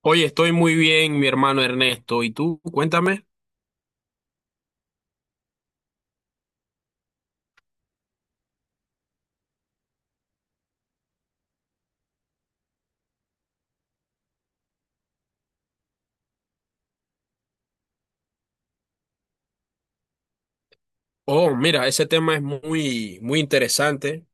Oye, estoy muy bien, mi hermano Ernesto. ¿Y tú? Cuéntame. Oh, mira, ese tema es muy, muy interesante.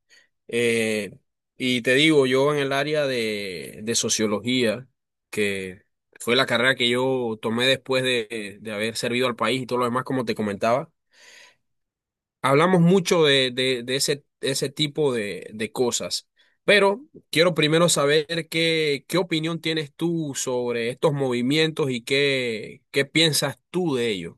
Eh, y te digo, yo en el área de sociología, que fue la carrera que yo tomé después de haber servido al país y todo lo demás, como te comentaba, hablamos mucho de ese tipo de cosas. Pero quiero primero saber qué opinión tienes tú sobre estos movimientos y qué piensas tú de ellos.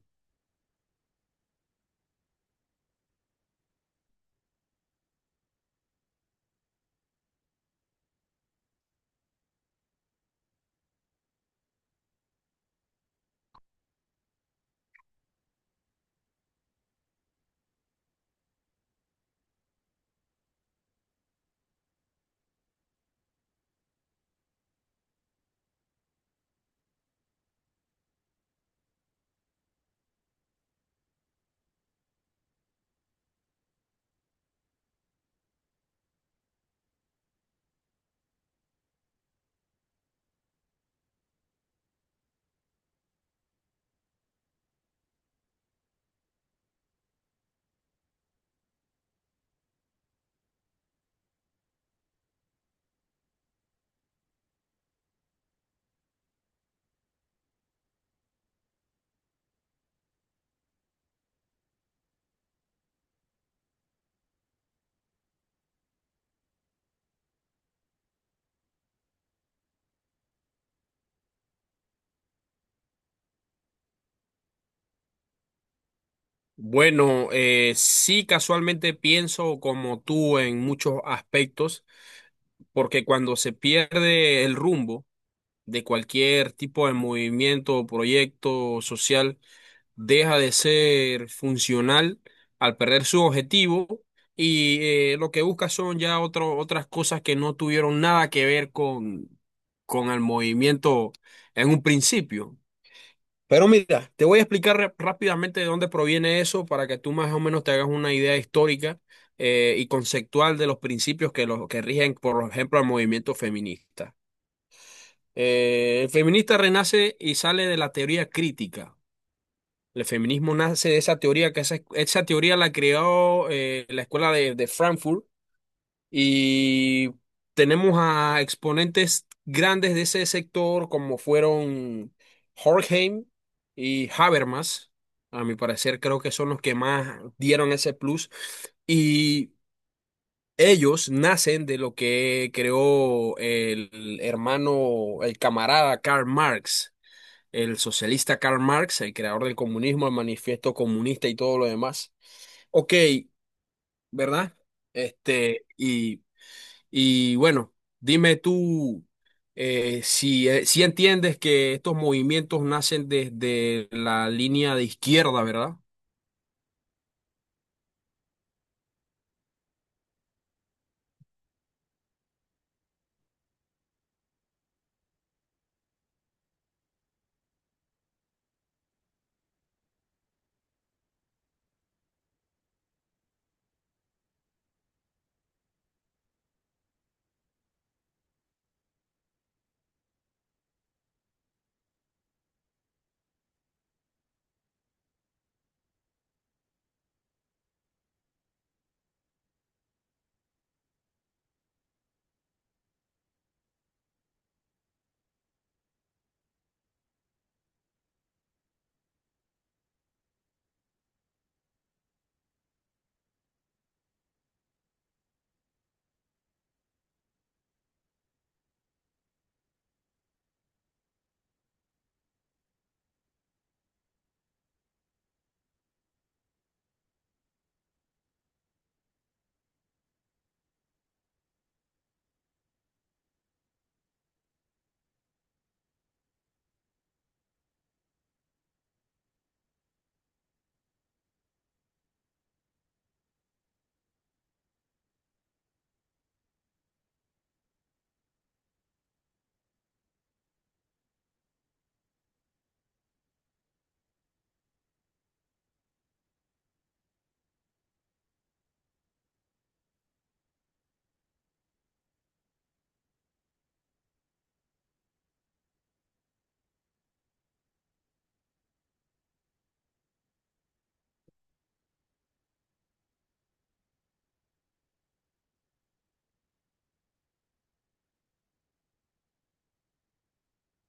Bueno, sí, casualmente pienso como tú en muchos aspectos, porque cuando se pierde el rumbo de cualquier tipo de movimiento o proyecto social, deja de ser funcional al perder su objetivo y lo que busca son ya otras cosas que no tuvieron nada que ver con el movimiento en un principio. Pero mira, te voy a explicar rápidamente de dónde proviene eso para que tú más o menos te hagas una idea histórica y conceptual de los principios que, los, que rigen, por ejemplo, el movimiento feminista. El feminista renace y sale de la teoría crítica. El feminismo nace de esa teoría, que esa teoría la creó la escuela de Frankfurt y tenemos a exponentes grandes de ese sector, como fueron Horkheim y Habermas. A mi parecer, creo que son los que más dieron ese plus. Y ellos nacen de lo que creó el hermano, el camarada Karl Marx, el socialista Karl Marx, el creador del comunismo, el manifiesto comunista y todo lo demás. Ok, ¿verdad? Este, y. Y bueno, dime tú, si entiendes que estos movimientos nacen desde la línea de izquierda, ¿verdad?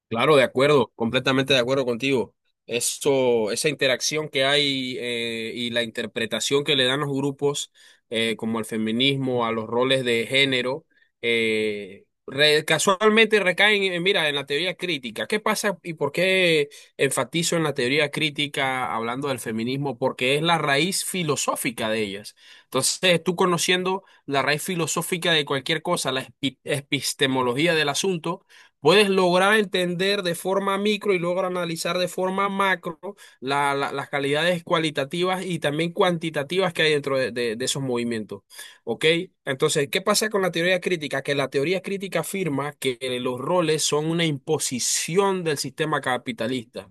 Claro, de acuerdo, completamente de acuerdo contigo. Eso, esa interacción que hay, y la interpretación que le dan los grupos, como al feminismo, a los roles de género, casualmente recaen, mira, en la teoría crítica. ¿Qué pasa y por qué enfatizo en la teoría crítica hablando del feminismo? Porque es la raíz filosófica de ellas. Entonces, tú conociendo la raíz filosófica de cualquier cosa, la epistemología del asunto, puedes lograr entender de forma micro y luego analizar de forma macro las calidades cualitativas y también cuantitativas que hay dentro de esos movimientos. ¿Ok? Entonces, ¿qué pasa con la teoría crítica? Que la teoría crítica afirma que los roles son una imposición del sistema capitalista.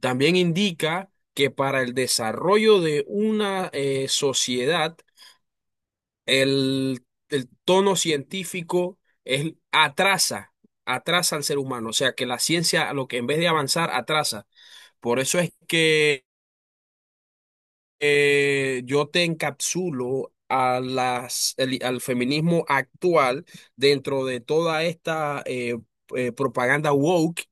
También indica que para el desarrollo de una sociedad, el tono científico es, atrasa, atrasa al ser humano. O sea, que la ciencia, a lo que en vez de avanzar, atrasa. Por eso es que yo te encapsulo a al feminismo actual dentro de toda esta propaganda woke,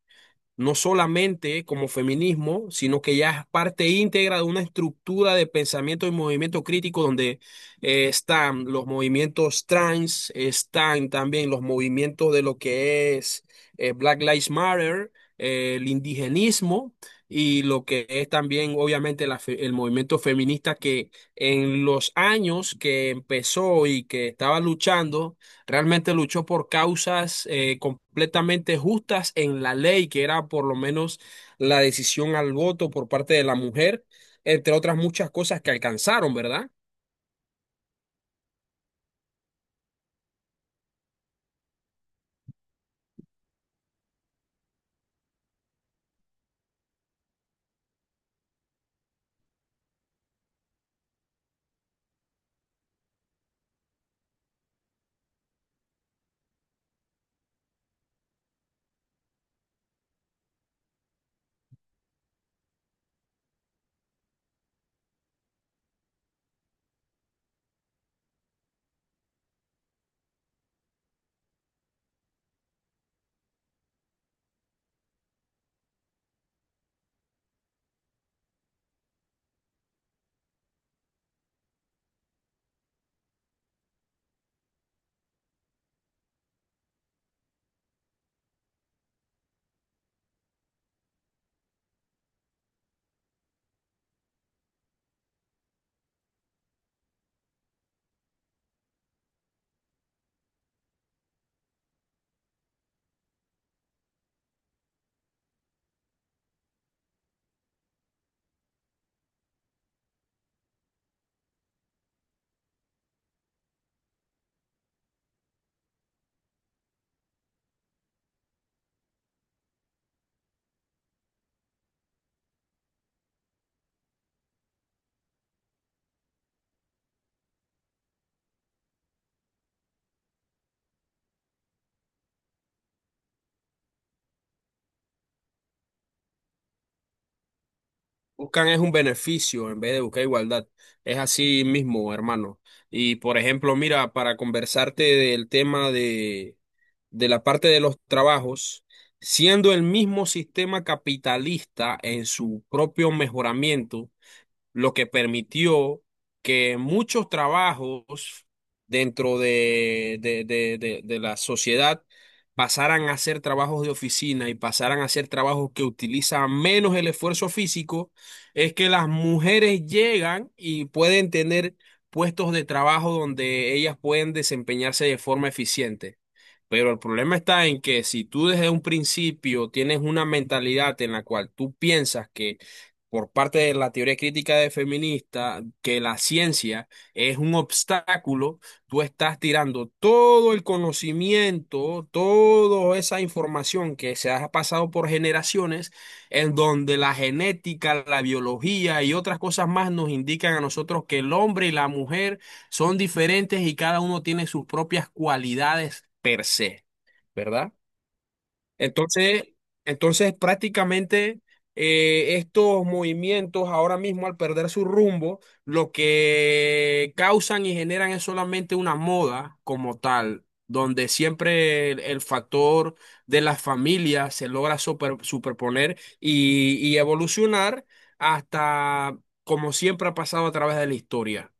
no solamente como feminismo, sino que ya es parte íntegra de una estructura de pensamiento y movimiento crítico donde están los movimientos trans, están también los movimientos de lo que es Black Lives Matter, el indigenismo y lo que es también obviamente la el movimiento feminista que en los años que empezó y que estaba luchando, realmente luchó por causas completamente justas en la ley, que era por lo menos la decisión al voto por parte de la mujer, entre otras muchas cosas que alcanzaron, ¿verdad? Buscan es un beneficio en vez de buscar igualdad. Es así mismo, hermano. Y por ejemplo, mira, para conversarte del tema de la parte de los trabajos, siendo el mismo sistema capitalista en su propio mejoramiento, lo que permitió que muchos trabajos dentro de la sociedad pasaran a ser trabajos de oficina y pasaran a ser trabajos que utilizan menos el esfuerzo físico, es que las mujeres llegan y pueden tener puestos de trabajo donde ellas pueden desempeñarse de forma eficiente. Pero el problema está en que si tú desde un principio tienes una mentalidad en la cual tú piensas que, por parte de la teoría crítica de feminista, que la ciencia es un obstáculo, tú estás tirando todo el conocimiento, toda esa información que se ha pasado por generaciones, en donde la genética, la biología y otras cosas más nos indican a nosotros que el hombre y la mujer son diferentes y cada uno tiene sus propias cualidades per se, ¿verdad? Entonces, prácticamente estos movimientos ahora mismo, al perder su rumbo, lo que causan y generan es solamente una moda como tal, donde siempre el factor de la familia se logra superponer y evolucionar hasta, como siempre ha pasado a través de la historia.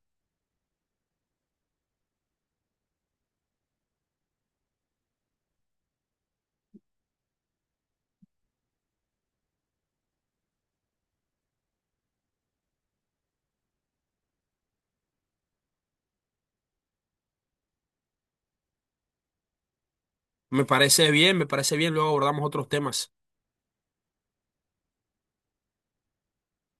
Me parece bien, luego abordamos otros temas.